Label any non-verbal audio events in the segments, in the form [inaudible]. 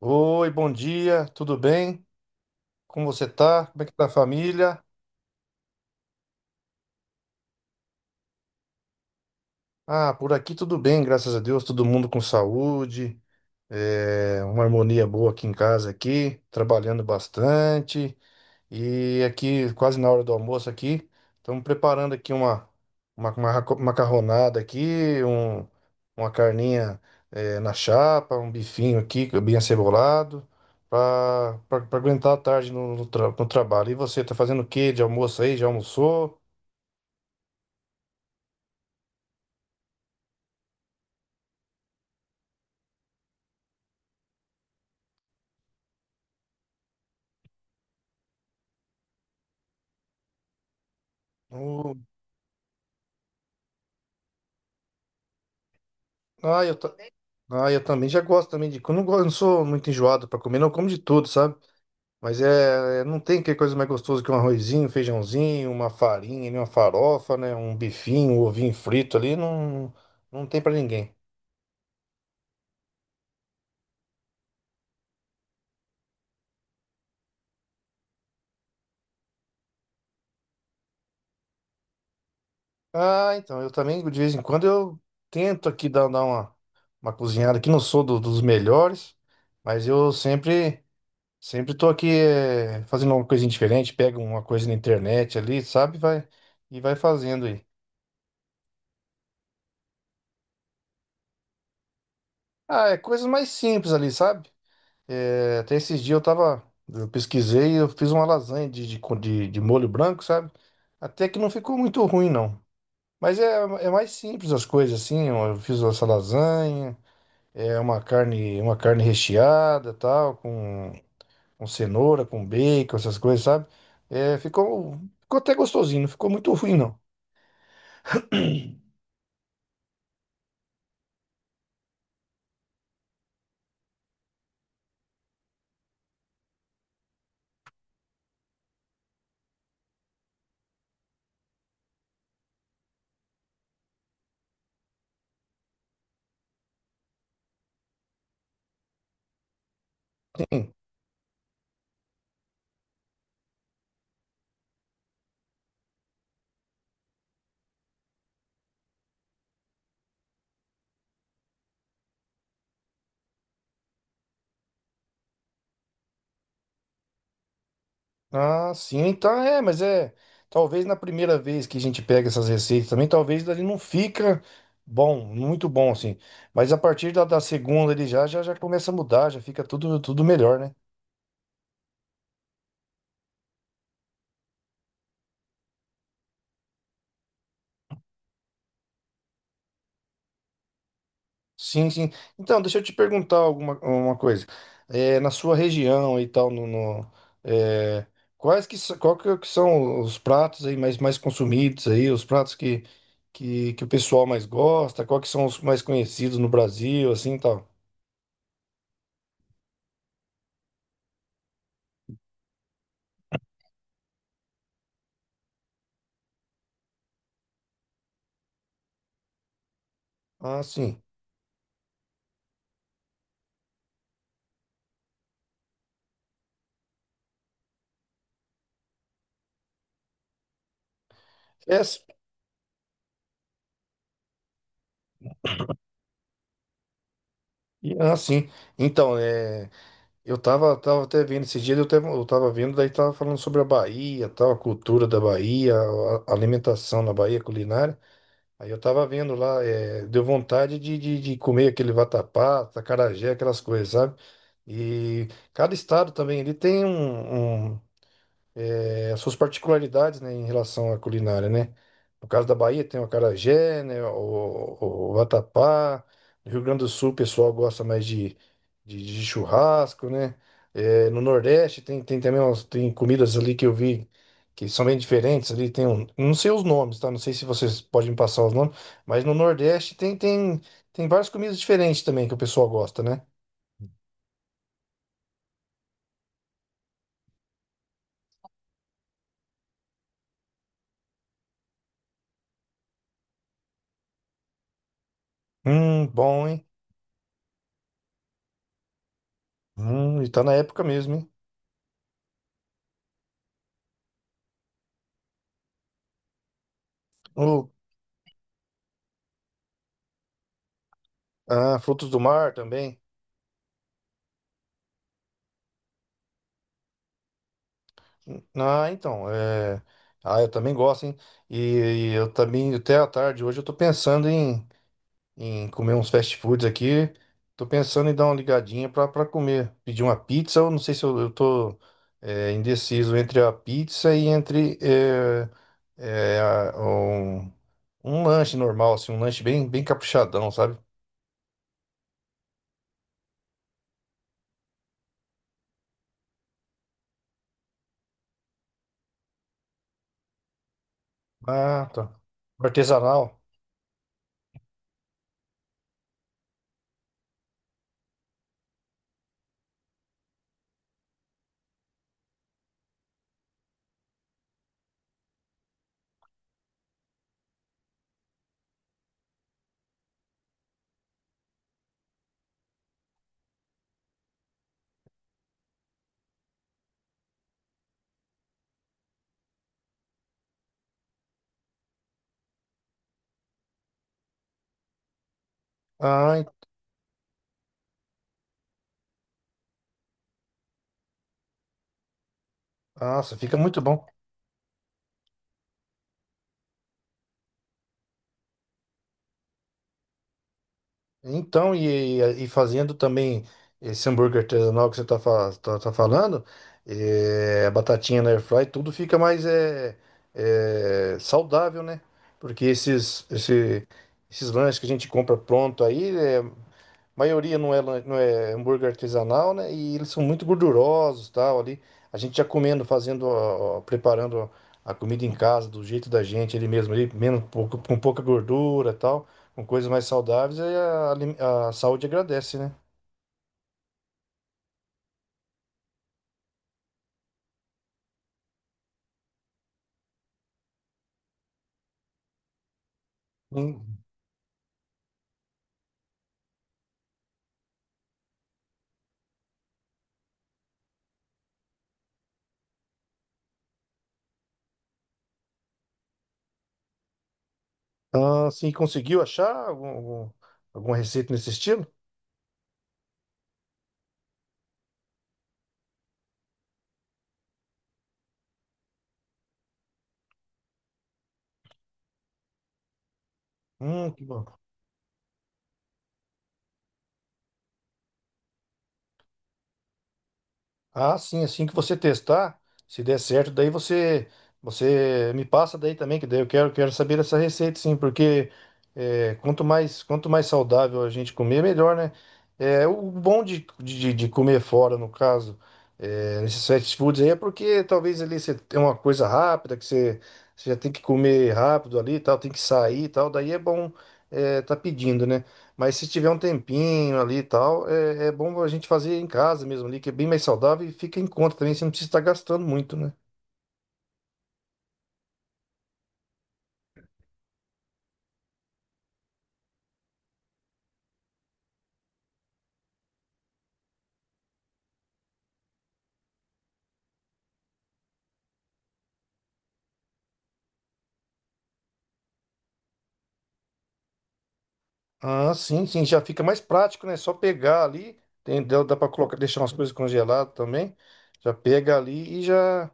Oi, bom dia, tudo bem? Como você tá? Como é que tá a família? Ah, por aqui tudo bem, graças a Deus, todo mundo com saúde, uma harmonia boa aqui em casa aqui, trabalhando bastante. E aqui, quase na hora do almoço aqui, estamos preparando aqui uma macarronada aqui, uma carninha na chapa, um bifinho aqui, que é bem acebolado, para aguentar a tarde no trabalho. E você, tá fazendo o quê de almoço aí? Já almoçou? O- Ah, eu, ta- ah, eu também já gosto também de... Eu não sou muito enjoado para comer, não, eu como de tudo, sabe? Não tem que coisa mais gostosa que um arrozinho, um feijãozinho, uma farinha, né, uma farofa, né, um bifinho, um ovinho frito ali, não, não tem pra ninguém. Ah, então, eu também, de vez em quando, eu tento aqui dar uma cozinhada, que não sou do- dos melhores, mas eu sempre, sempre tô aqui fazendo uma coisinha diferente, pego uma coisa na internet ali, sabe, vai, e vai fazendo aí. Ah, é coisas mais simples ali, sabe? É, até esses dias eu tava. Eu pesquisei e eu fiz uma lasanha de molho branco, sabe? Até que não ficou muito ruim, não. É mais simples as coisas, assim. Eu fiz essa lasanha, uma carne recheada, tal, com cenoura, com bacon, essas coisas, sabe? É, ficou, Ficou até gostosinho, não ficou muito ruim, não. Ah, sim, então é, mas é. Talvez na primeira vez que a gente pega essas receitas também, talvez ele não fica bom, muito bom assim. Mas a partir da segunda ele já, já começa a mudar, já fica tudo melhor, né? Sim, sim. Então, deixa eu te perguntar alguma uma coisa. É, na sua região e tal, no, no- é, qual que são os pratos aí mais, mais consumidos aí, os pratos que o pessoal mais gosta, qual que são os mais conhecidos no Brasil, assim, e tal? Ah, sim. É, s- ah, sim. Então, é, tava até vendo esses dias, eu tava vendo, daí tava falando sobre a Bahia, tal, a cultura da Bahia, a alimentação na Bahia, culinária. Aí eu tava vendo lá, é, deu vontade de comer aquele vatapá, acarajé, aquelas coisas, sabe? E cada estado também, ele tem um, um, as suas particularidades, né, em relação à culinária, né? No caso da Bahia tem o acarajé, né, o vatapá. No Rio Grande do Sul o pessoal gosta mais de churrasco, né? É, no Nordeste tem também umas, tem comidas ali que eu vi que são bem diferentes ali. Tem um, não sei os nomes, tá? Não sei se vocês podem me passar os nomes, mas no Nordeste tem várias comidas diferentes também que o pessoal gosta, né? Bom, hein? E tá na época mesmo, hein? O, ah, frutos do mar também. Ah, então, é... Ah, eu também gosto, hein? E, eu também, até à tarde hoje, eu tô pensando em, em comer uns fast foods aqui. Tô pensando em dar uma ligadinha pra comer. Pedir uma pizza, ou não sei se eu, eu tô indeciso entre a pizza e entre é, a- um, um lanche normal, assim, um lanche bem, bem caprichadão, sabe? Ah, tá. Artesanal. Ah, en- Nossa, fica muito bom. Então, e fazendo também esse hambúrguer artesanal que você está tá, fa- tá- tá falando, a batatinha na airfry, tudo fica mais saudável, né? Porque esses lanches que a gente compra pronto aí, maioria não é hambúrguer artesanal, né? E eles são muito gordurosos, tal, ali. A gente já comendo, fazendo, ó, ó, preparando a comida em casa, do jeito da gente, ele mesmo, ali, menos, pouco, com pouca gordura, tal, com coisas mais saudáveis, aí a saúde agradece, né? Hum. Ah, sim, conseguiu achar alguma receita nesse estilo? Que bom. Ah, sim, assim que você testar, se der certo, daí você me passa daí também, que daí eu quero saber essa receita, sim, porque é, quanto mais saudável a gente comer, melhor, né? É, o bom de comer fora, no caso, é, nesses fast foods aí, é porque talvez ali você tem uma coisa rápida, você já tem que comer rápido ali e tal, tem que sair e tal, daí é bom é, tá pedindo, né? Mas se tiver um tempinho ali e tal, é, é bom a gente fazer em casa mesmo ali, que é bem mais saudável e fica em conta também, você não precisa estar gastando muito, né? Ah, sim, sim, já fica mais prático, né? Só pegar ali, dá para colocar, deixar umas coisas congeladas também, já pega ali e já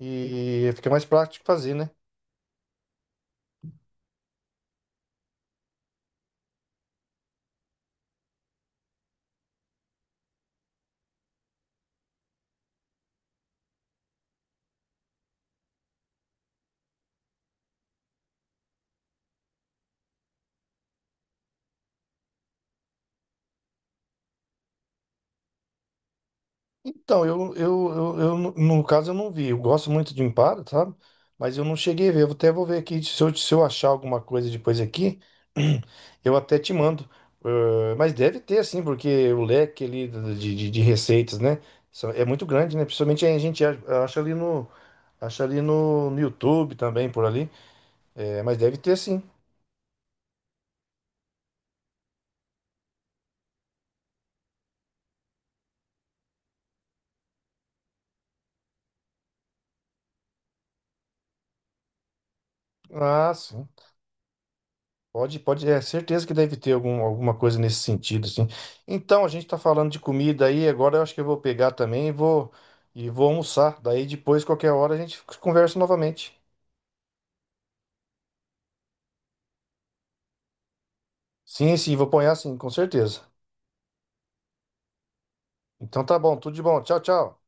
e fica mais prático fazer, né? Então, no caso, eu não vi. Eu gosto muito de Impala, sabe? Mas eu não cheguei a ver. Eu até vou ver aqui. Se eu achar alguma coisa depois aqui, [clears throat] eu até te mando. Eh, mas deve ter, assim, porque o leque ali de receitas, né? Só- É muito grande, né? Principalmente a gente acha ali no, acha ali no YouTube também, por ali. Eh, mas deve ter, sim. Ah, sim. Pode, pode, é certeza que deve ter algum, alguma coisa nesse sentido, assim. Então, a gente tá falando de comida aí, agora eu acho que eu vou pegar também e vou almoçar. Daí depois, qualquer hora, a gente conversa novamente. Sim, sim, vou apanhar sim, com certeza. Então tá bom, tudo de bom. Tchau, tchau.